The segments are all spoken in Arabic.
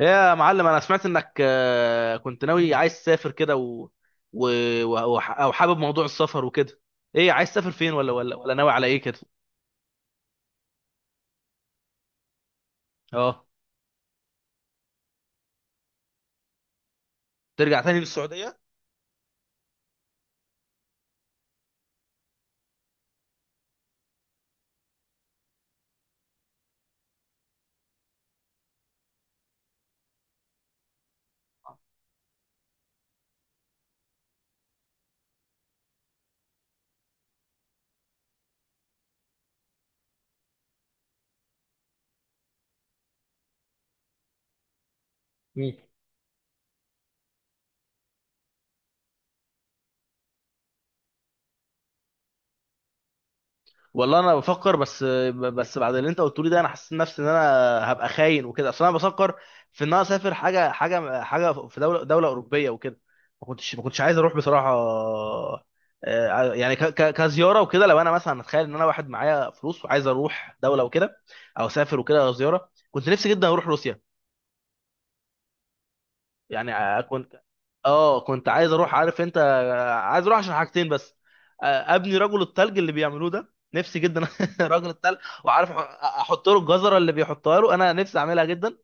يا معلم انا سمعت انك كنت ناوي عايز تسافر كده و... او حابب موضوع السفر وكده. ايه عايز تسافر فين ولا ناوي على ايه كده؟ اه، ترجع تاني للسعودية. مم. والله انا بفكر، بس بعد اللي انت قلته لي ده انا حسيت نفسي ان انا هبقى خاين وكده، اصل انا بفكر في ان انا اسافر حاجه في دوله اوروبيه وكده. ما كنتش عايز اروح بصراحه. يعني كزياره وكده، لو انا مثلا اتخيل ان انا واحد معايا فلوس وعايز اروح دوله وكده، او اسافر وكده زياره، كنت نفسي جدا اروح روسيا. يعني اه، كنت عايز اروح. عارف انت، عايز اروح عشان حاجتين بس. آه، ابني رجل التلج اللي بيعملوه ده نفسي جدا، رجل التلج. وعارف احط له الجزره اللي بيحطها له، انا نفسي اعملها جدا.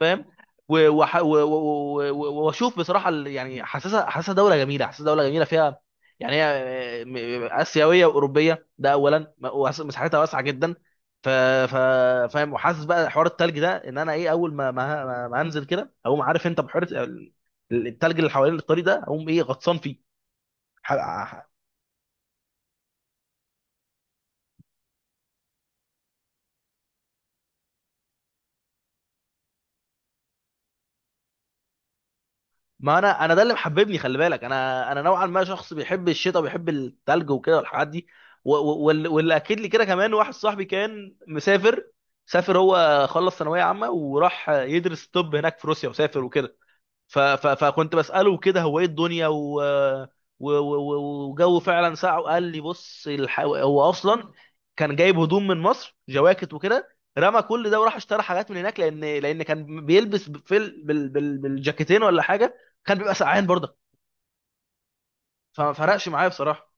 فاهم؟ و- وح- و- و- و- و- واشوف بصراحه يعني حاسسها دوله جميله فيها. يعني هي اسيويه واوروبيه ده اولا، مساحتها واسعه جدا. ف ف فاهم؟ وحاسس بقى حوار التلج ده ان انا ايه، اول ما ما انزل كده اقوم، عارف انت، بحوار التلج اللي حوالين الطريق ده اقوم ايه، غطسان فيه. ما انا ده اللي محببني، خلي بالك، انا نوعا ما شخص بيحب الشتاء وبيحب التلج وكده والحاجات دي. و- و- وال- واللي اكد لي كده كمان، واحد صاحبي كان مسافر، سافر هو، خلص ثانويه عامه وراح يدرس طب هناك في روسيا وسافر وكده. ف... ف... فكنت بسأله كده هو ايه الدنيا و... و... و... و- وجو. فعلا ساعه قال لي بص، هو اصلا كان جايب هدوم من مصر، جواكت وكده، رمى كل ده وراح اشترى حاجات من هناك، لان كان بيلبس في بالجاكيتين ولا حاجه كان بيبقى سقعان برضه. فما فرقش معايا بصراحه.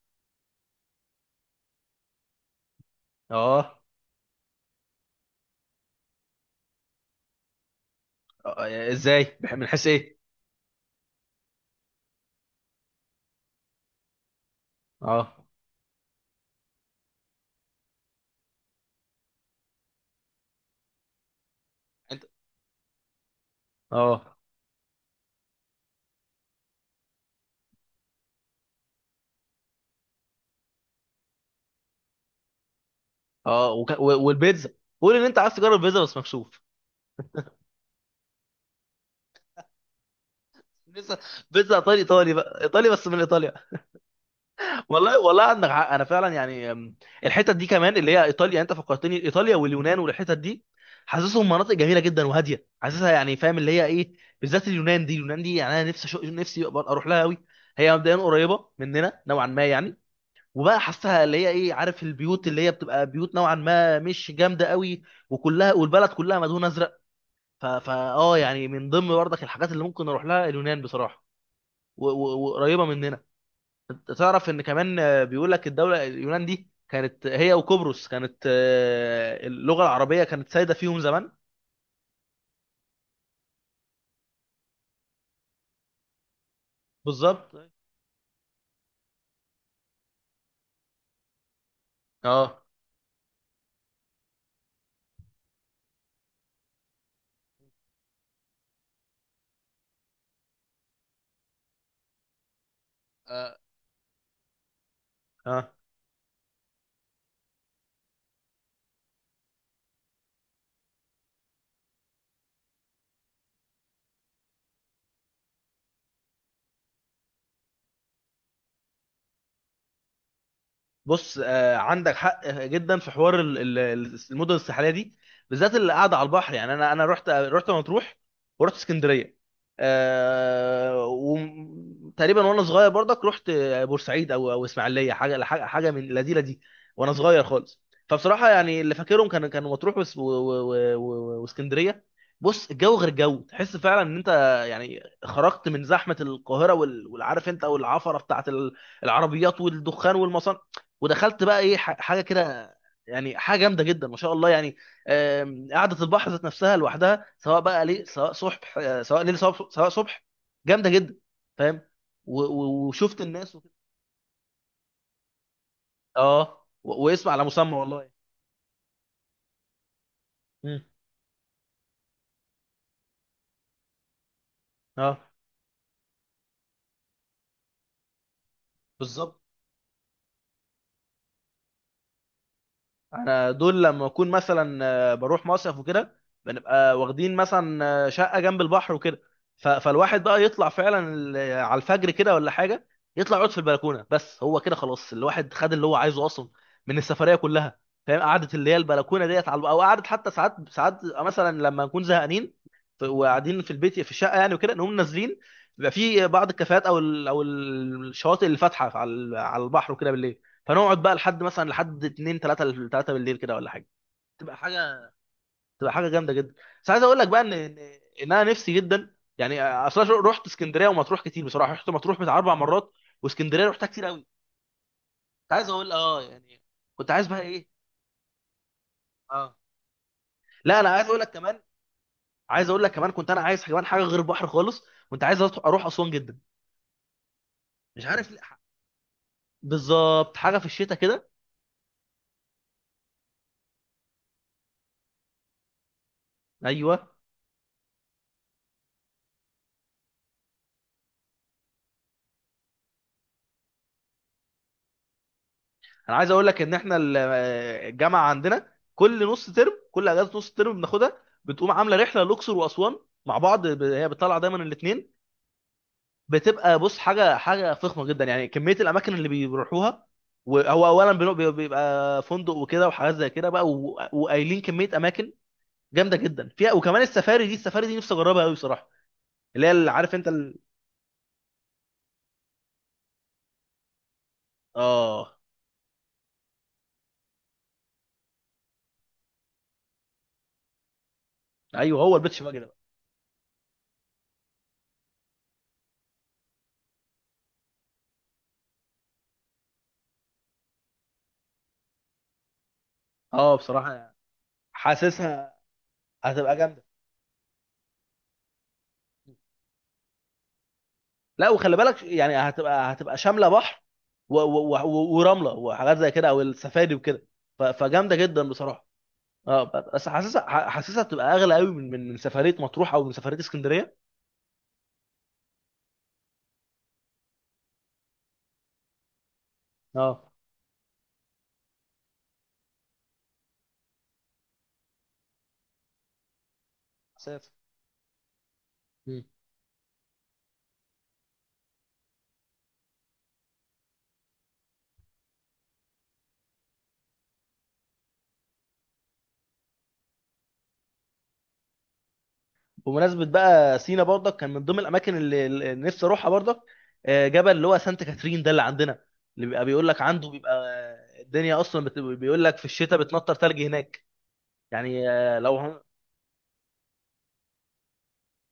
اه. ازاي؟ من حيث ايه؟ اه. انت. اه. اه وك... و... والبيتزا، قول ان انت عايز تجرب بيتزا بس مكشوف. بيتزا. بيتزا ايطالي، ايطالي بقى ايطالي بس من ايطاليا. والله والله عندك حق، انا فعلا يعني الحتت دي كمان اللي هي ايطاليا، انت فكرتني ايطاليا واليونان والحتت دي، حاسسهم مناطق جميله جدا وهاديه. حاسسها يعني، فاهم اللي هي ايه، بالذات اليونان دي. اليونان دي، يعني انا نفسي نفسي أبقى اروح لها قوي. هي مبدئيا قريبه مننا نوعا ما يعني. وبقى حاسسها اللي هي ايه، عارف، البيوت اللي هي بتبقى بيوت نوعا ما مش جامده قوي، وكلها والبلد كلها مدهون ازرق. ف... فا اه، يعني من ضمن برضك الحاجات اللي ممكن اروح لها اليونان بصراحه. و- و- وقريبه مننا. انت تعرف ان كمان بيقول لك الدوله اليونان دي كانت هي وقبرص، كانت اللغه العربيه كانت سايده فيهم زمان. بالظبط. اه. آه، اه. بص، عندك حق جدا في حوار المدن الساحليه دي، بالذات اللي قاعده على البحر. يعني انا رحت مطروح ورحت اسكندريه. أه، وتقريبا وانا صغير برضك رحت بورسعيد او اسماعيليه، حاجه حاجه حاجة من لذيذه دي وانا صغير خالص. فبصراحه يعني اللي فاكرهم كانوا مطروح وس- و- و- و- واسكندريه. بص الجو غير جو، تحس فعلا ان انت يعني خرجت من زحمه القاهره وال- والعارف انت والعفره بتاعت العربيات والدخان والمصانع، ودخلت بقى ايه حاجه كده. يعني حاجه جامده جدا ما شاء الله يعني. قعده البحر ذات نفسها لوحدها، سواء بقى ليل سواء صبح، سواء ليل سواء صبح، جامده جدا. فاهم؟ و- و- وشفت الناس وكده. اه، و- واسم على مسمى والله. مم. اه. بالظبط. انا دول لما اكون مثلا بروح مصيف وكده، بنبقى واخدين مثلا شقه جنب البحر وكده. ف- فالواحد بقى يطلع فعلا على الفجر كده ولا حاجه، يطلع يقعد في البلكونه. بس هو كده خلاص، الواحد خد اللي هو عايزه اصلا من السفريه كلها. فاهم؟ قعده اللي هي البلكونه ديت، على او قعده حتى ساعات، مثلا لما نكون زهقانين ف- وقاعدين في البيت في الشقه يعني وكده، نقوم نازلين. بيبقى في بعض الكافيهات او او الشواطئ اللي فاتحه على على البحر وكده بالليل. فنقعد بقى لحد مثلا، لحد 2 3 3 بالليل كده ولا حاجه. تبقى حاجه، تبقى حاجه جامده جدا. بس عايز اقول لك بقى ان ان إن انا نفسي جدا، يعني اصلا رحت اسكندريه ومطروح كتير بصراحه. رحت مطروح بتاع 4 مرات، واسكندريه رحتها كتير قوي. كنت عايز اقول اه، يعني كنت عايز بقى ايه. اه، لا، انا عايز اقول لك كمان. كنت انا عايز كمان حاجه غير البحر خالص. كنت عايز اروح اسوان جدا. مش عارف ليه. بالظبط حاجه في الشتاء كده. ايوه. انا عايز اقول لك ان احنا الجامعه عندنا كل نص ترم، كل اجازه نص ترم بناخدها، بتقوم عامله رحله الاقصر واسوان مع بعض. هي بتطلع دايما الاثنين. بتبقى بص، حاجه فخمه جدا، يعني كميه الاماكن اللي بيروحوها. وهو اولا بيبقى فندق وكده وحاجات زي كده بقى، و- وقايلين كميه اماكن جامده جدا فيها. وكمان السفاري دي، السفاري دي نفسي اجربها قوي بصراحه، اللي هي، اللي عارف انت اه. ايوه، هو البيتش باجي ده بقى. اه بصراحه يعني حاسسها هتبقى جامده. لا، وخلي بالك، يعني هتبقى شامله بحر و... و... و... ورمله وحاجات زي كده، او السفاري وكده. ف... فجامده جدا بصراحه. اه. بس حاسسها، حاسسها بتبقى اغلى قوي من سفريه مطروح او من سفريه اسكندريه. اه. مسافة. مم. بمناسبه بقى سينا برضك كان من ضمن الاماكن اللي نفسي اروحها برضك. جبل اللي هو سانت كاترين ده اللي عندنا، اللي بيبقى بيقول لك عنده بيبقى الدنيا اصلا بيقول لك في الشتاء بتنطر ثلج هناك. يعني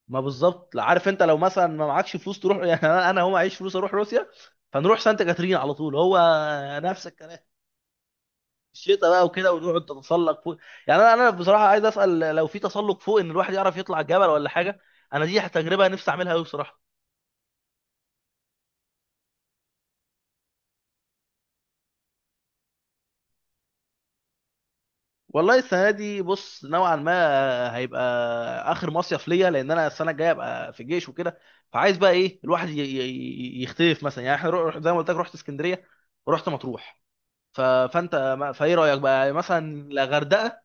ما بالظبط. لا، عارف انت، لو مثلا ما معكش فلوس تروح، يعني انا هو معيش فلوس اروح روسيا فنروح سانت كاترين على طول، هو نفس الكلام. الشتاء بقى وكده، ونقعد نتسلق فوق. يعني انا بصراحه عايز اسال، لو في تسلق فوق ان الواحد يعرف يطلع الجبل ولا حاجه. انا دي تجربه نفسي اعملها قوي بصراحه. والله السنه دي بص، نوعا ما هيبقى اخر مصيف ليا، لان انا السنه الجايه ابقى في الجيش وكده. فعايز بقى ايه الواحد ي- ي- ي- يختلف مثلا. يعني احنا زي ما قلت لك، رحت اسكندريه ورحت مطروح. ف... فانت فايه رايك بقى، يعني مثلا لا غردقه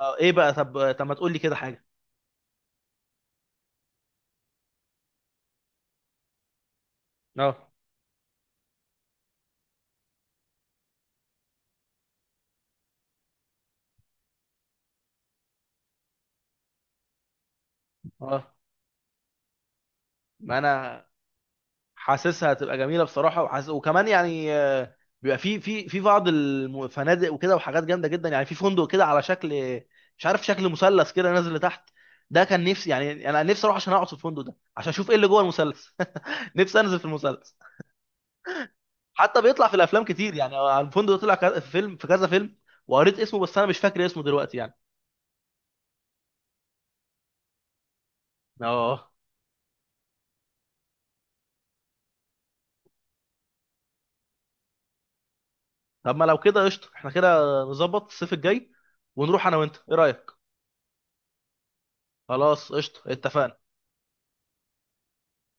أو ايه بقى؟ طب ما تقول لي كده حاجه. اه. اه. ما انا حاسسها هتبقى جميله بصراحه. وحاس... وكمان يعني بيبقى في في بعض الفنادق وكده، وحاجات جامده جدا يعني. في فندق كده على شكل، مش عارف شكل مثلث كده نازل لتحت، ده كان نفسي، يعني انا نفسي اروح عشان اقعد في الفندق ده عشان اشوف ايه اللي جوه المثلث. نفسي انزل في المثلث. حتى بيطلع في الافلام كتير، يعني الفندق ده طلع في فيلم، في كذا فيلم، وقريت اسمه بس انا مش فاكر اسمه دلوقتي يعني. اه. طب ما لو كده قشطه. احنا كده نظبط الصيف الجاي ونروح انا وانت، ايه رايك؟ خلاص قشطه، اتفقنا.